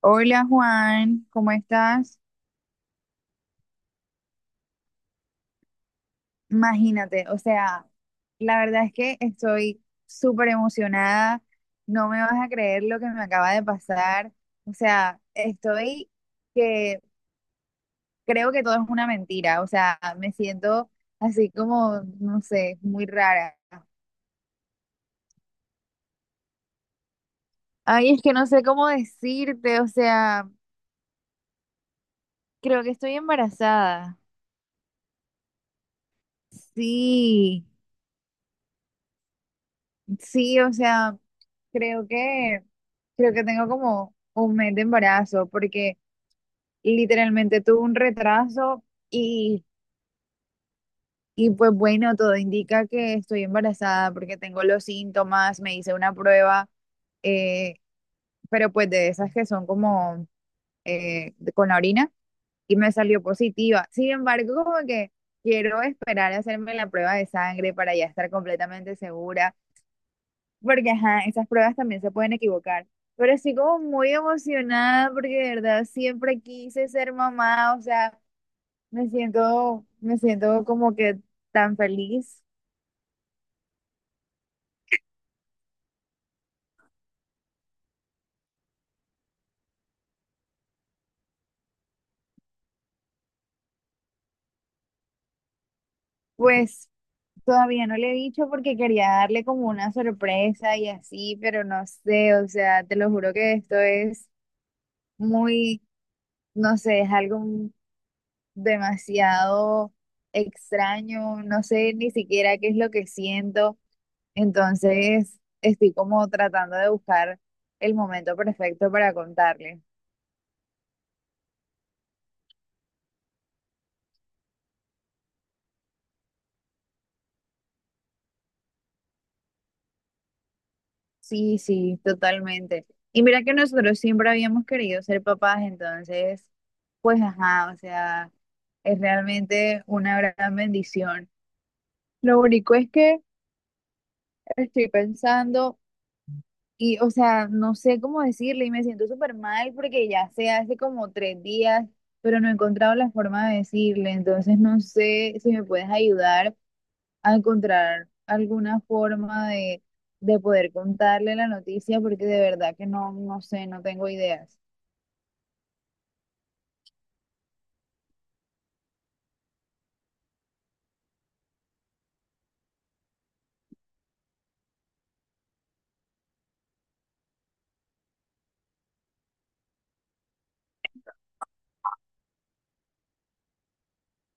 Hola Juan, ¿cómo estás? Imagínate, o sea, la verdad es que estoy súper emocionada, no me vas a creer lo que me acaba de pasar, o sea, estoy que creo que todo es una mentira, o sea, me siento así como, no sé, muy rara. Ay, es que no sé cómo decirte, o sea, creo que estoy embarazada. Sí. Sí, o sea, creo que creo que tengo como un mes de embarazo porque literalmente tuve un retraso y, y pues bueno, todo indica que estoy embarazada porque tengo los síntomas, me hice una prueba, eh, pero pues de esas que son como con la orina y me salió positiva. Sin embargo, como que quiero esperar a hacerme la prueba de sangre para ya estar completamente segura porque ajá, esas pruebas también se pueden equivocar. Pero estoy como muy emocionada porque de verdad siempre quise ser mamá, o sea, me siento como que tan feliz. Pues todavía no le he dicho porque quería darle como una sorpresa y así, pero no sé, o sea, te lo juro que esto es muy, no sé, es algo demasiado extraño, no sé ni siquiera qué es lo que siento. Entonces, estoy como tratando de buscar el momento perfecto para contarle. Sí, sí, totalmente. Y mira que nosotros siempre habíamos querido ser papás, entonces, pues ajá, o sea, es realmente una gran bendición. Lo único es que estoy pensando y, o sea, no sé cómo decirle y me siento súper mal porque ya se hace como 3 días, pero no he encontrado la forma de decirle, entonces no sé si me puedes ayudar a encontrar alguna forma de poder contarle la noticia porque de verdad que no, no sé, no tengo ideas.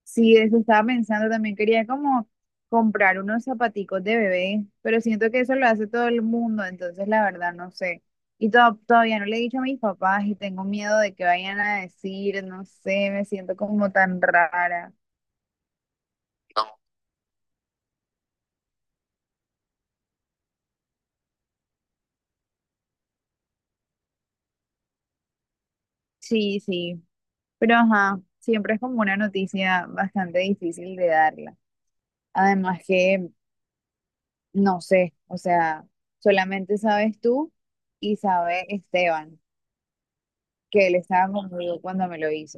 Sí, eso estaba pensando, también quería como comprar unos zapaticos de bebé, pero siento que eso lo hace todo el mundo, entonces la verdad no sé. Y todavía no le he dicho a mis papás y tengo miedo de que vayan a decir, no sé, me siento como tan rara. Sí, sí, pero ajá, siempre es como una noticia bastante difícil de darla. Además que no sé, o sea, solamente sabes tú y sabe Esteban, que él estaba conmigo cuando me lo hizo.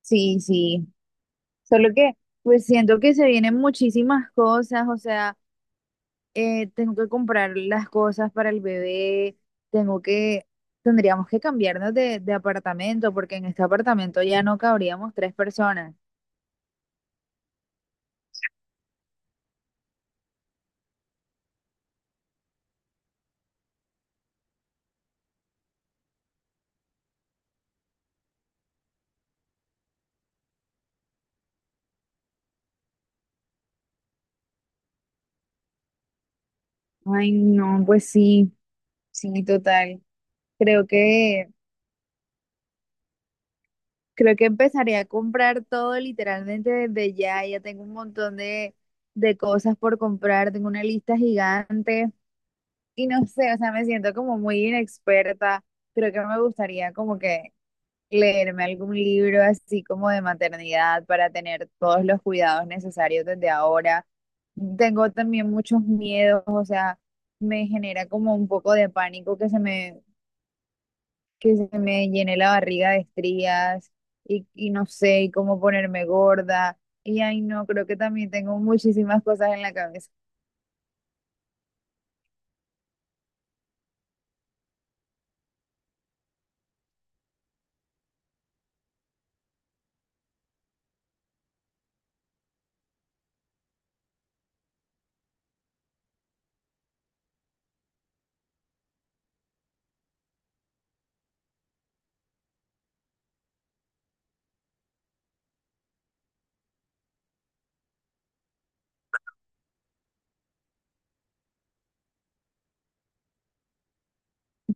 Sí, sí, solo que pues siento que se vienen muchísimas cosas, o sea, tengo que comprar las cosas para el bebé, tengo que, tendríamos que cambiarnos de apartamento porque en este apartamento ya no cabríamos tres personas. Ay, no, pues sí, sí, total. Creo que Creo que empezaré a comprar todo literalmente desde ya. Ya tengo un montón de cosas por comprar, tengo una lista gigante y no sé, o sea, me siento como muy inexperta. Creo que me gustaría como que leerme algún libro así como de maternidad para tener todos los cuidados necesarios desde ahora. Tengo también muchos miedos, o sea, me genera como un poco de pánico que se me llené la barriga de estrías y no sé, y cómo ponerme gorda. Y ay, no, creo que también tengo muchísimas cosas en la cabeza.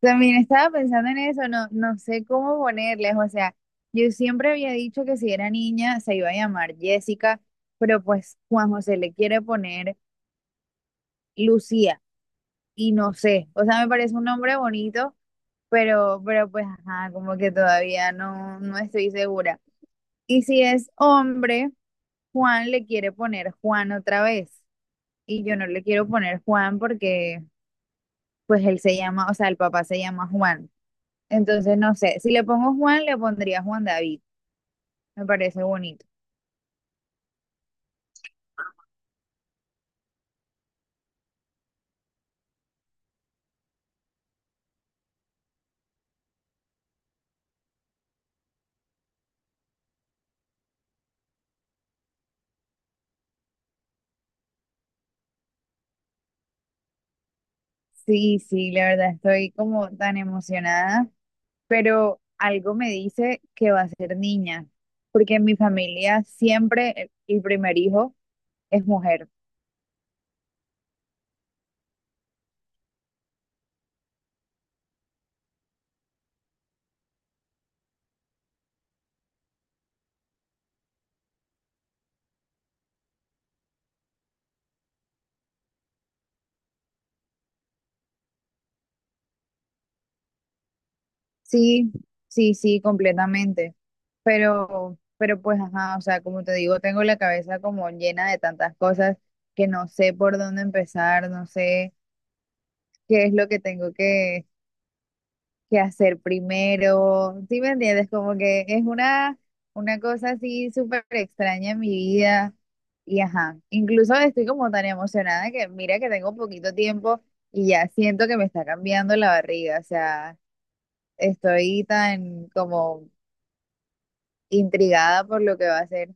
También estaba pensando en eso, no, no sé cómo ponerles, o sea, yo siempre había dicho que si era niña se iba a llamar Jessica, pero pues Juan José le quiere poner Lucía y no sé, o sea, me parece un nombre bonito, pero pues, ajá, como que todavía no, no estoy segura. Y si es hombre. Juan le quiere poner Juan otra vez y yo no le quiero poner Juan porque pues él se llama, o sea, el papá se llama Juan. Entonces, no sé, si le pongo Juan, le pondría Juan David. Me parece bonito. Sí, sí, la verdad estoy como tan emocionada, pero algo me dice que va a ser niña, porque en mi familia siempre el primer hijo es mujer. Sí, sí, sí, completamente. Pero pues, ajá, o sea, como te digo, tengo la cabeza como llena de tantas cosas que no sé por dónde empezar, no sé qué es lo que tengo que hacer primero. ¿Sí me entiendes? Como que es una cosa así súper extraña en mi vida. Y ajá, incluso estoy como tan emocionada que mira que tengo poquito tiempo y ya siento que me está cambiando la barriga, o sea, estoy tan como intrigada por lo que va a hacer.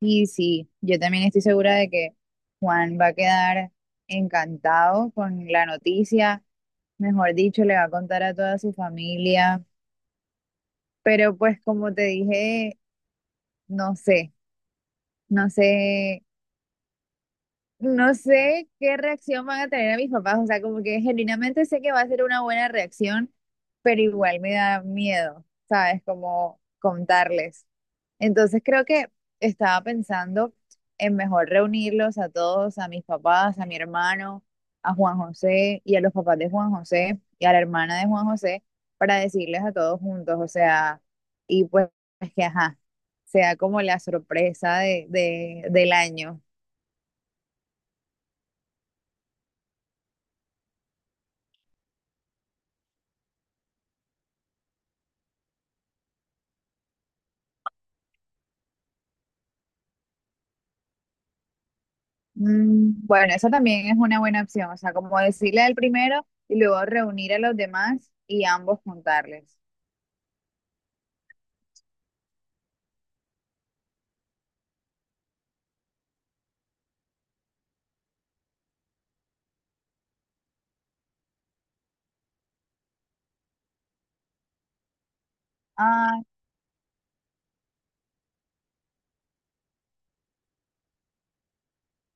Y sí, yo también estoy segura de que Juan va a quedar encantado con la noticia, mejor dicho, le va a contar a toda su familia, pero pues como te dije, no sé, no sé No sé qué reacción van a tener a mis papás, o sea, como que genuinamente sé que va a ser una buena reacción, pero igual me da miedo, ¿sabes? Como contarles. Entonces creo que estaba pensando en mejor reunirlos a todos, a mis papás, a mi hermano, a Juan José y a los papás de Juan José y a la hermana de Juan José para decirles a todos juntos, o sea, y pues que ajá, sea como la sorpresa del año. Mm. Bueno, esa también es una buena opción, o sea, como decirle al primero y luego reunir a los demás y ambos juntarles. Ay,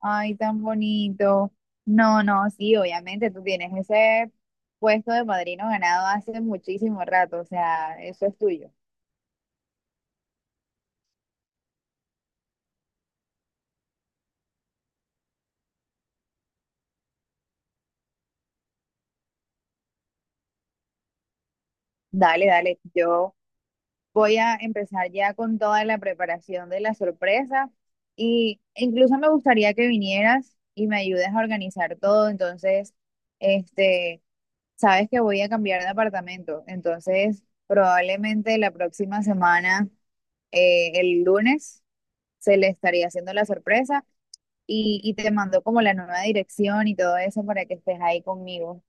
ay, tan bonito. No, no, sí, obviamente tú tienes ese puesto de padrino ganado hace muchísimo rato, o sea, eso es tuyo. Dale, dale, yo voy a empezar ya con toda la preparación de la sorpresa y incluso me gustaría que vinieras y me ayudes a organizar todo, entonces, este... sabes que voy a cambiar de apartamento, entonces probablemente la próxima semana, el lunes, se le estaría haciendo la sorpresa y te mando como la nueva dirección y todo eso para que estés ahí conmigo.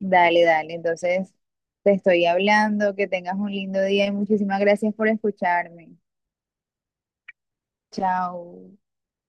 Dale, dale, entonces te estoy hablando, que tengas un lindo día y muchísimas gracias por escucharme. Chao.